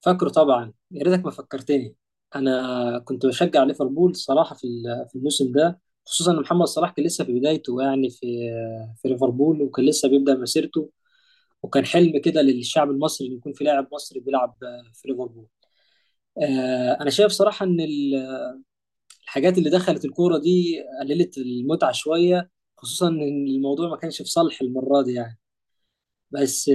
فاكره طبعا، يا ريتك ما فكرتني. انا كنت بشجع ليفربول الصراحه في الموسم ده. خصوصا ان محمد صلاح كان لسه في بدايته، يعني في ليفربول وكان لسه بيبدا مسيرته. وكان حلم كده للشعب المصري ان يكون في لاعب مصري بيلعب في ليفربول. انا شايف صراحه ان الحاجات اللي دخلت الكوره دي قللت المتعه شويه، خصوصا ان الموضوع ما كانش في صالح المره دي يعني. بس،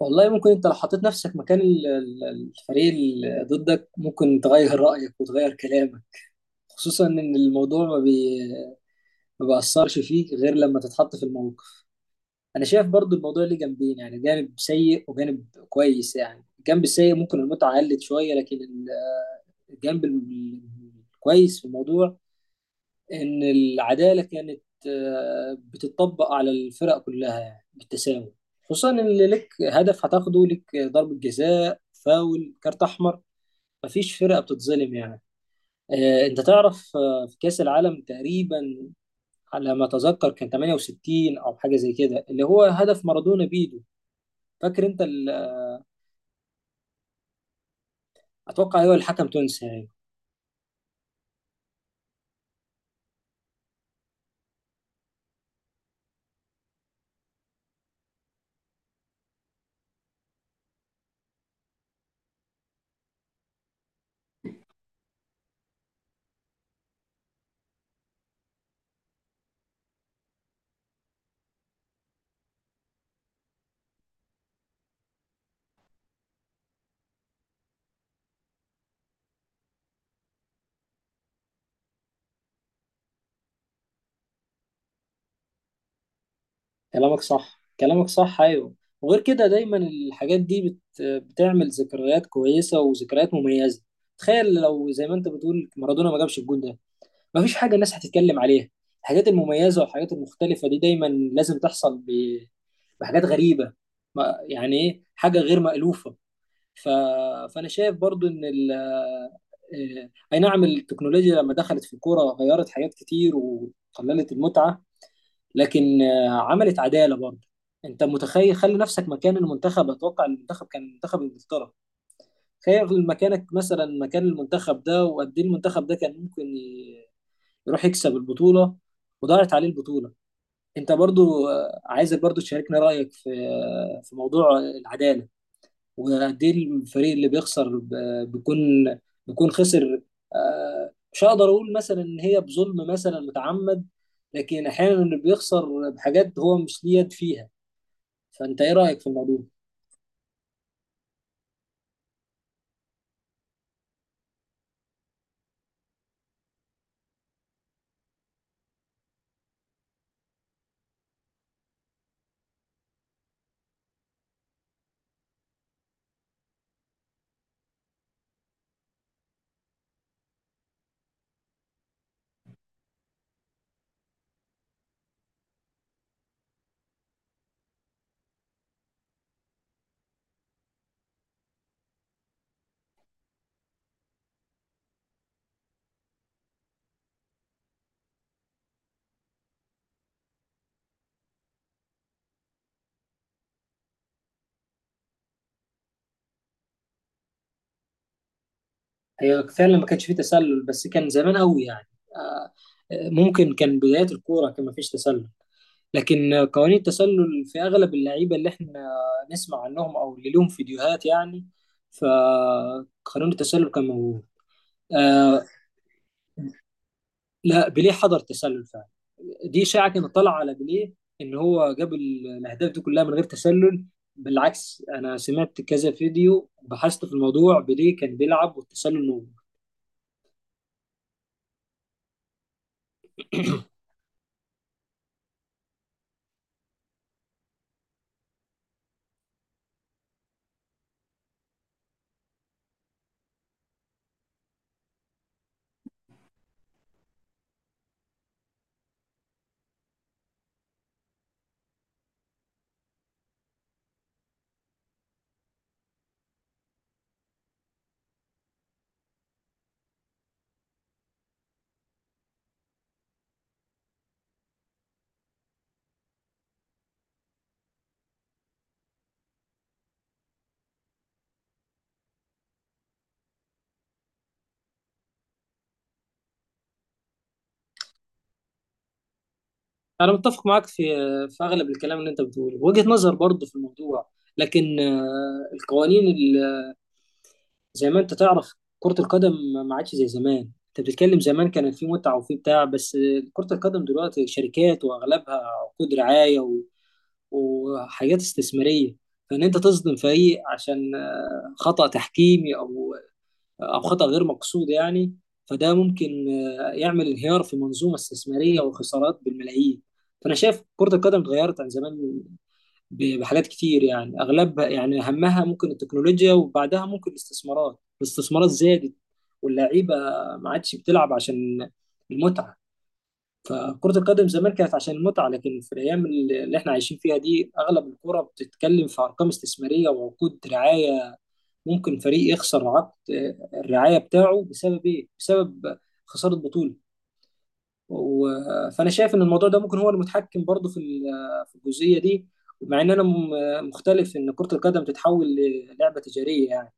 والله ممكن انت لو حطيت نفسك مكان الفريق اللي ضدك ممكن تغير رأيك وتغير كلامك، خصوصا ان الموضوع ما بيأثرش فيك غير لما تتحط في الموقف. انا شايف برضو الموضوع ليه جنبين، يعني جانب سيء وجانب كويس، يعني الجانب السيء ممكن المتعة قلت شوية، لكن الجانب الكويس في الموضوع ان العداله كانت بتطبق على الفرق كلها، يعني بالتساوي. خصوصا ان لك هدف هتاخده، لك ضربه جزاء، فاول، كارت احمر، مفيش فرقه بتتظلم يعني. انت تعرف، في كاس العالم تقريبا، على ما اتذكر كان 68 او حاجه زي كده، اللي هو هدف مارادونا بيدو. فاكر انت اتوقع هو الحكم تونسي يعني. كلامك صح، كلامك صح، ايوه. وغير كده دايما الحاجات دي بتعمل ذكريات كويسه وذكريات مميزه. تخيل لو زي ما انت بتقول مارادونا ما جابش الجول ده، مفيش حاجه الناس هتتكلم عليها. الحاجات المميزه والحاجات المختلفه دي دايما لازم تحصل بحاجات غريبه. ما... يعني ايه، حاجه غير مألوفه. ف... فانا شايف برضو ان ال... آه، اي نعم التكنولوجيا لما دخلت في الكوره غيرت حاجات كتير وقللت المتعه، لكن عملت عداله برضه. انت متخيل، خلي نفسك مكان المنتخب، اتوقع المنتخب كان منتخب انجلترا. تخيل مكانك مثلا مكان المنتخب ده، وقد ايه المنتخب ده كان ممكن يروح يكسب البطوله، وضاعت عليه البطوله. انت برضو عايزك برضو تشاركنا رايك في في موضوع العداله، وقد ايه الفريق اللي بيخسر بيكون خسر. مش هقدر اقول مثلا ان هي بظلم مثلا متعمد، لكن احيانا اللي بيخسر بحاجات هو مش ليه يد فيها. فانت ايه رايك في الموضوع؟ هي فعلا ما كانش فيه تسلل، بس كان زمان قوي يعني. آه، ممكن كان بدايات الكوره كان ما فيش تسلل، لكن قوانين التسلل في اغلب اللعيبه اللي احنا نسمع عنهم او اللي لهم فيديوهات يعني، فقانون التسلل كان موجود. آه، لا، بيليه حضر تسلل فعلا. دي اشاعه كانت طالعه على بيليه ان هو جاب الاهداف دي كلها من غير تسلل. بالعكس، انا سمعت كذا فيديو، بحثت في الموضوع، بيليه كان بيلعب والتسلل نوم. انا متفق معاك في اغلب الكلام اللي انت بتقوله، وجهة نظر برضه في الموضوع. لكن القوانين زي ما انت تعرف، كرة القدم ما عادش زي زمان. انت بتتكلم زمان كان في متعة وفي بتاع، بس كرة القدم دلوقتي شركات، واغلبها عقود رعاية وحاجات استثمارية. فان انت تصدم فريق عشان خطأ تحكيمي او خطأ غير مقصود يعني، فده ممكن يعمل انهيار في منظومة استثمارية وخسارات بالملايين. فانا شايف كرة القدم اتغيرت عن زمان بحاجات كتير، يعني اغلبها، يعني اهمها ممكن التكنولوجيا، وبعدها ممكن الاستثمارات. الاستثمارات زادت، واللعيبه ما عادش بتلعب عشان المتعه. فكرة القدم زمان كانت عشان المتعة، لكن في الأيام اللي إحنا عايشين فيها دي أغلب الكرة بتتكلم في أرقام استثمارية وعقود رعاية. ممكن فريق يخسر عقد الرعاية بتاعه بسبب إيه؟ بسبب خسارة بطولة. فانا شايف ان الموضوع ده ممكن هو المتحكم برضه في الجزئيه دي، مع ان انا مختلف ان كره القدم تتحول للعبه تجاريه يعني.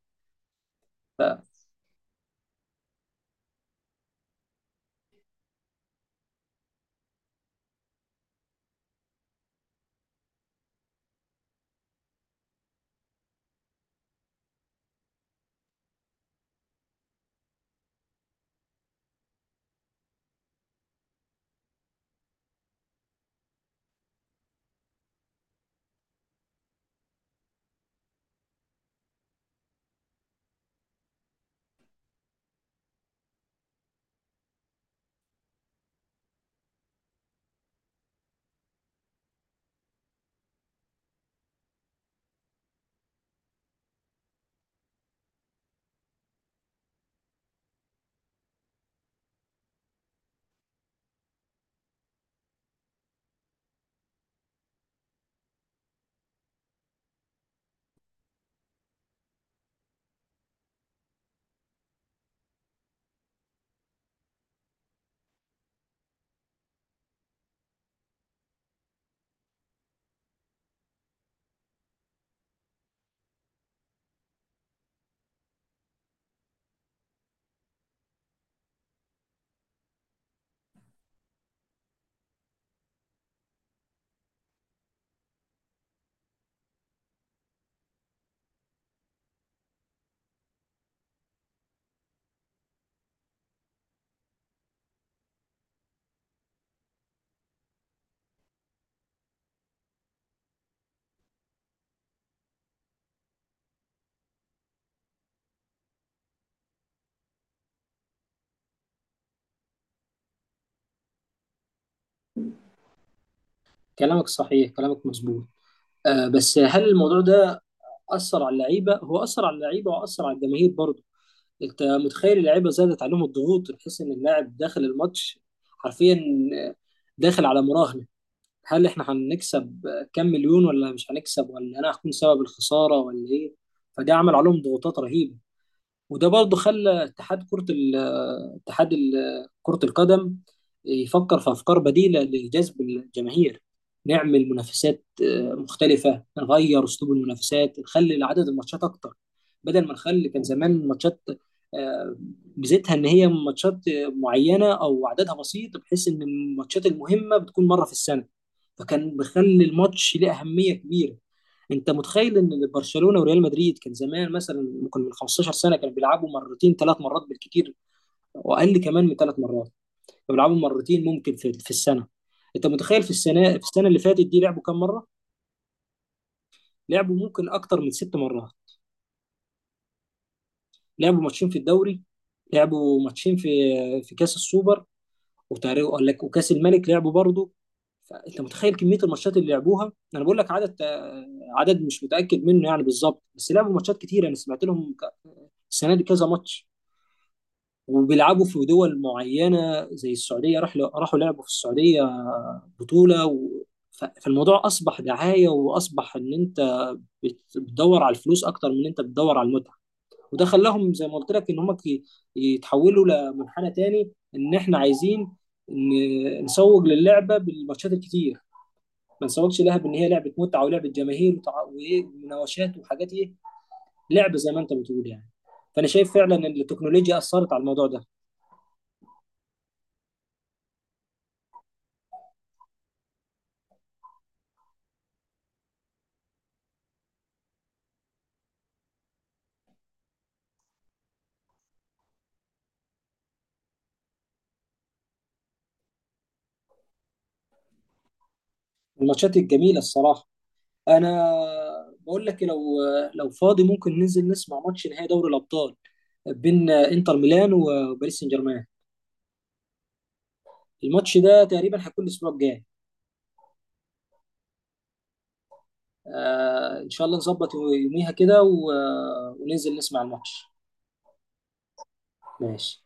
كلامك صحيح، كلامك مظبوط. بس هل الموضوع ده اثر على اللعيبه؟ هو اثر على اللعيبه واثر على الجماهير برضه. انت متخيل اللعيبه زادت عليهم الضغوط، تحس ان اللاعب داخل الماتش حرفيا، آه، داخل على مراهنه. هل احنا هنكسب كام مليون، ولا مش هنكسب، ولا انا هكون سبب الخساره، ولا ايه؟ فده عمل عليهم ضغوطات رهيبه. وده برضه خلى اتحاد كرة ال- اتحاد ال- كرة القدم يفكر في أفكار بديلة لجذب الجماهير. نعمل منافسات مختلفة، نغير أسلوب المنافسات، نخلي عدد الماتشات أكتر، بدل ما نخلي. كان زمان ماتشات آه، ميزتها إن هي ماتشات معينة أو عددها بسيط، بحيث إن الماتشات المهمة بتكون مرة في السنة، فكان بيخلي الماتش ليه أهمية كبيرة. انت متخيل ان برشلونه وريال مدريد كان زمان مثلا ممكن من 15 سنه كانوا بيلعبوا مرتين، ثلاث مرات بالكتير، واقل كمان من ثلاث مرات. كانوا بيلعبوا مرتين ممكن في السنه. انت متخيل في السنه اللي فاتت دي لعبوا كام مره؟ لعبوا ممكن اكتر من ست مرات. لعبوا ماتشين في الدوري، لعبوا ماتشين في كاس السوبر، وتقريبا قال لك وكاس الملك لعبوا برضه. فانت متخيل كميه الماتشات اللي لعبوها، انا بقول لك عدد، مش متاكد منه يعني بالظبط، بس لعبوا ماتشات كتير. انا سمعت لهم السنه دي كذا ماتش. وبيلعبوا في دول معينة زي السعودية، راحوا لعبوا في السعودية بطولة فالموضوع أصبح دعاية، وأصبح إن أنت بتدور على الفلوس أكتر من إن أنت بتدور على المتعة. وده خلاهم زي ما قلت لك إن هم يتحولوا لمنحنى تاني، إن إحنا عايزين نسوق للعبة بالماتشات الكتير، ما نسوقش لها بإن هي لعبة متعة ولعبة جماهير وإيه ومناوشات وحاجات إيه، لعبة زي ما أنت بتقول يعني. فأنا شايف فعلا إن التكنولوجيا أثرت على الموضوع ده. الماتشات الجميله الصراحه. انا بقول لك، لو فاضي ممكن ننزل نسمع ماتش نهائي دوري الابطال بين انتر ميلان وباريس سان جيرمان. الماتش ده تقريبا هيكون الاسبوع الجاي. آه ان شاء الله، نظبط يوميها كده وننزل نسمع الماتش. ماشي.